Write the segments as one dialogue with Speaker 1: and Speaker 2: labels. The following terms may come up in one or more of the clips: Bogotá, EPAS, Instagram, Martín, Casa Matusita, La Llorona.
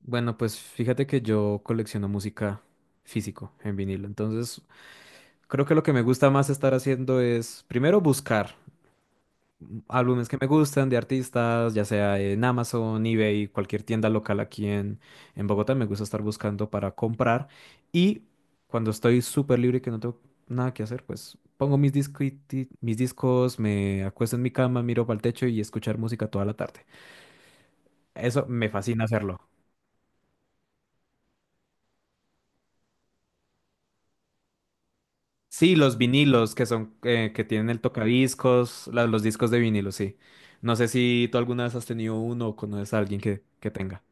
Speaker 1: Bueno, pues fíjate que yo colecciono música físico en vinilo. Entonces, creo que lo que me gusta más estar haciendo es primero buscar álbumes que me gustan de artistas, ya sea en Amazon, eBay, cualquier tienda local aquí en Bogotá. Me gusta estar buscando para comprar. Y cuando estoy súper libre y que no tengo nada que hacer, pues pongo mis discos, me acuesto en mi cama, miro para el techo y escuchar música toda la tarde. Eso me fascina hacerlo. Sí, los vinilos que son que tienen el tocadiscos, los discos de vinilo, sí. No sé si tú alguna vez has tenido uno o conoces a alguien que tenga.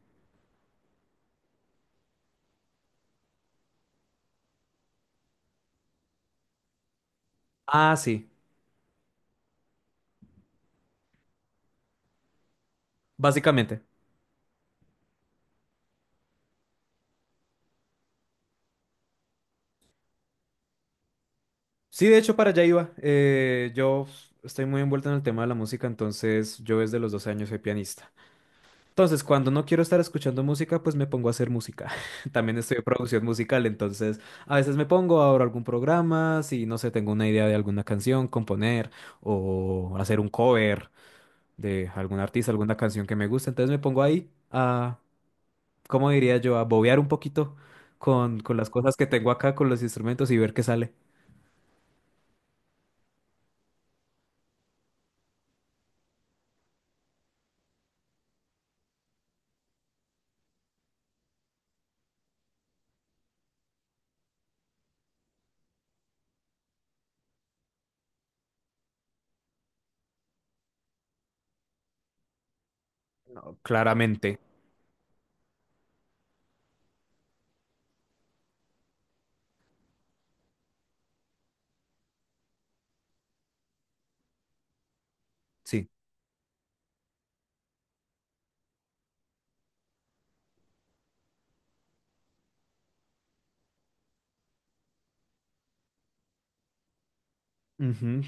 Speaker 1: Ah, sí, básicamente. Sí, de hecho, para allá iba. Yo estoy muy envuelto en el tema de la música, entonces yo desde los 12 años soy pianista. Entonces, cuando no quiero estar escuchando música, pues me pongo a hacer música. También estoy en producción musical, entonces a veces me pongo, abro algún programa, si no sé, tengo una idea de alguna canción, componer o hacer un cover de algún artista, alguna canción que me gusta. Entonces me pongo ahí a, ¿cómo diría yo? A bobear un poquito con las cosas que tengo acá, con los instrumentos y ver qué sale. No, claramente, sí. Ujú.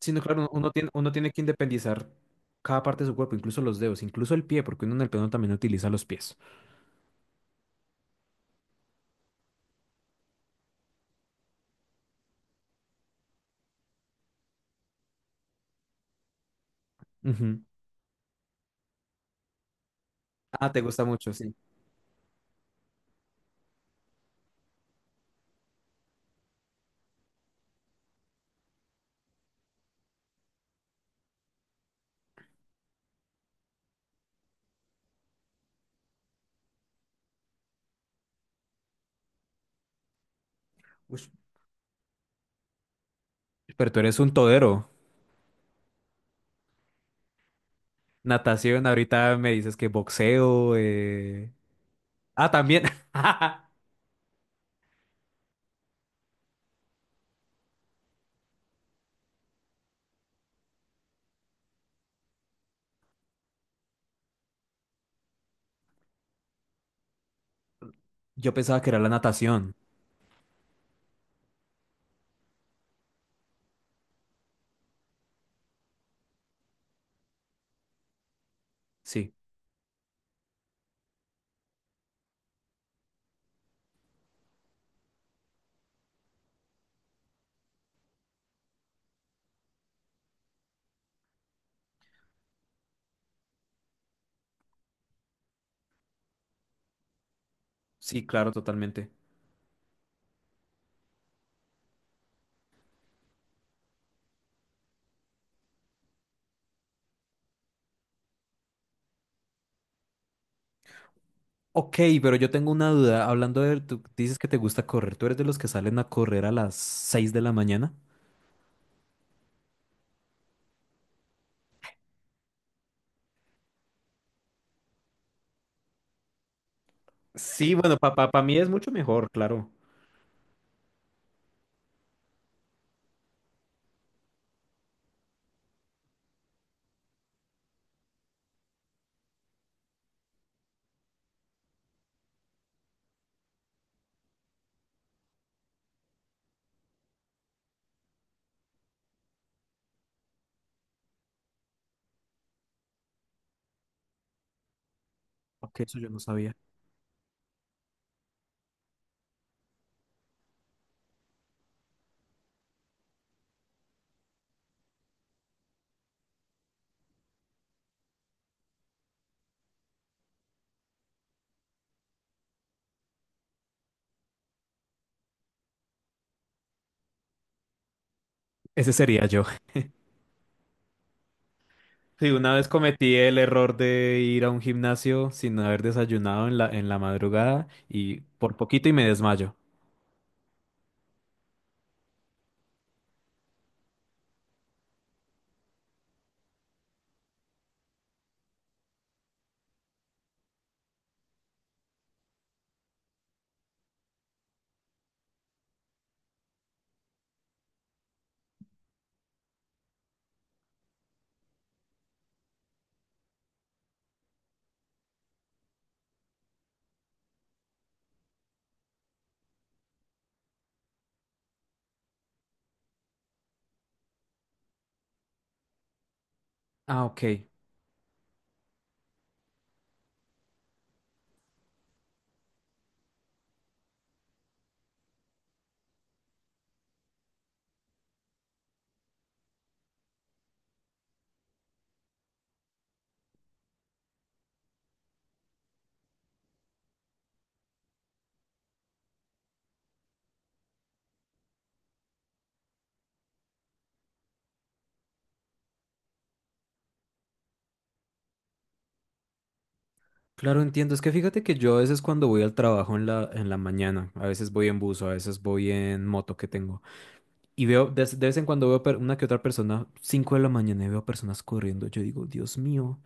Speaker 1: Sí, no, claro, uno tiene que independizar cada parte de su cuerpo, incluso los dedos, incluso el pie, porque uno en el piano también utiliza los pies. Ujú. Ah, te gusta mucho, sí. Ush, pero tú eres un todero. Natación, ahorita me dices que boxeo. Ah, también. Yo pensaba que era la natación. Sí. Sí, claro, totalmente. Ok, pero yo tengo una duda. Hablando de, tú dices que te gusta correr. ¿Tú eres de los que salen a correr a las 6 de la mañana? Sí, bueno, para mí es mucho mejor, claro. Ok, eso yo no sabía. Ese sería yo. Sí, una vez cometí el error de ir a un gimnasio sin haber desayunado en la madrugada y por poquito y me desmayo. Ah, ok. Claro, entiendo. Es que fíjate que yo a veces cuando voy al trabajo en la mañana, a veces voy en bus, a veces voy en moto que tengo. Y veo, de vez en cuando veo una que otra persona, 5 de la mañana, y veo personas corriendo. Yo digo, Dios mío,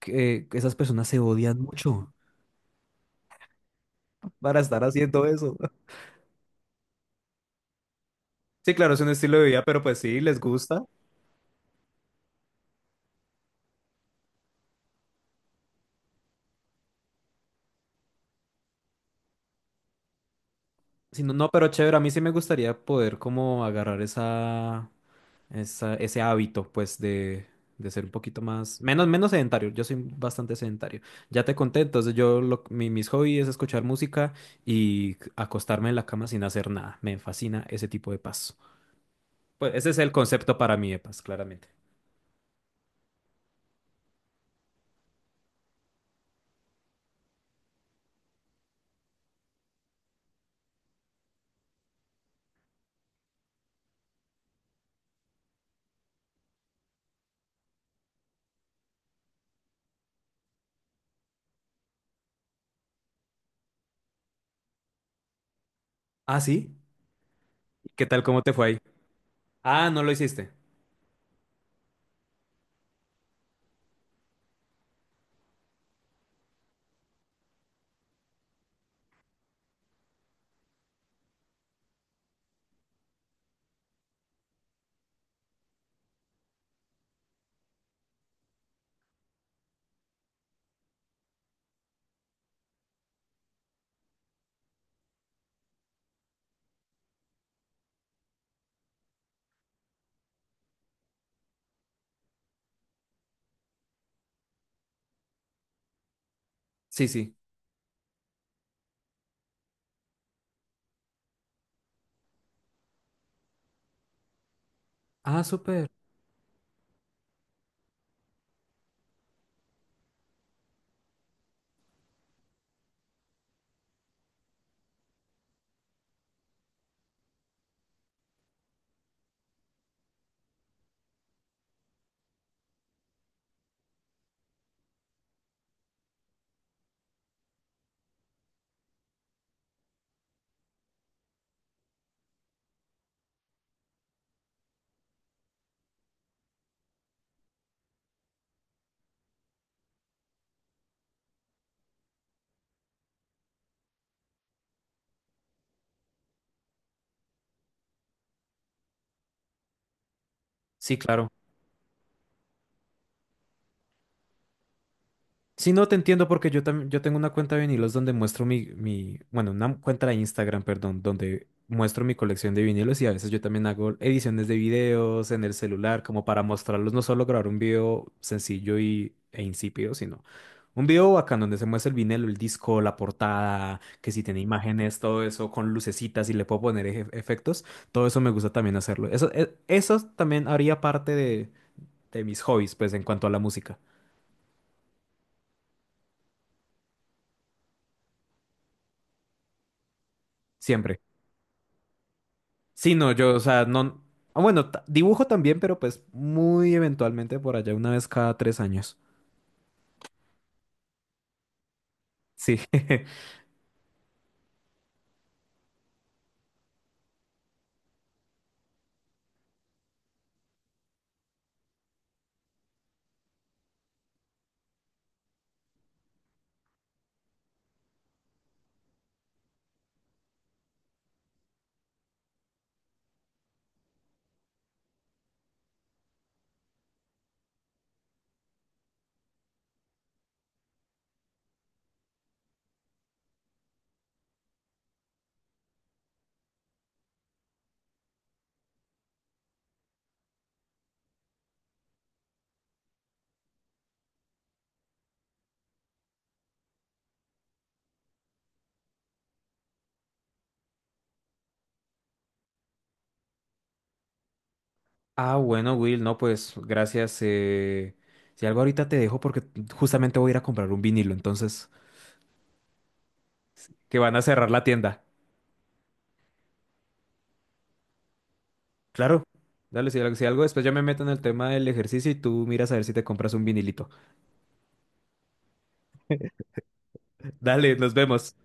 Speaker 1: que esas personas se odian mucho para estar haciendo eso. Sí, claro, es un estilo de vida, pero pues sí, les gusta. Si no, no, pero chévere, a mí sí me gustaría poder como agarrar esa, esa, ese hábito, pues, de ser un poquito más, menos, menos sedentario. Yo soy bastante sedentario. Ya te conté, entonces yo, mis hobbies es escuchar música y acostarme en la cama sin hacer nada. Me fascina ese tipo de paz. Pues ese es el concepto para mí, EPAS, claramente. Ah, sí. ¿Qué tal? ¿Cómo te fue ahí? Ah, no lo hiciste. Sí, sí. Ah, súper. Sí, claro. Sí, no te entiendo porque yo también yo tengo una cuenta de vinilos donde muestro bueno, una cuenta de Instagram, perdón, donde muestro mi colección de vinilos y a veces yo también hago ediciones de videos en el celular como para mostrarlos, no solo grabar un video sencillo e insípido, sino un video bacán donde se muestra el vinilo, el disco, la portada, que si tiene imágenes, todo eso con lucecitas y le puedo poner efectos, todo eso me gusta también hacerlo. Eso, eso también haría parte de mis hobbies, pues en cuanto a la música, siempre. Sí, no, yo, o sea, no. Ah, bueno, dibujo también, pero pues muy eventualmente por allá, una vez cada 3 años. Sí. Ah, bueno, Will, no, pues gracias. Si algo ahorita te dejo porque justamente voy a ir a comprar un vinilo, entonces, que van a cerrar la tienda. Claro. Dale, si algo, si algo después ya me meto en el tema del ejercicio y tú miras a ver si te compras un vinilito. Dale, nos vemos.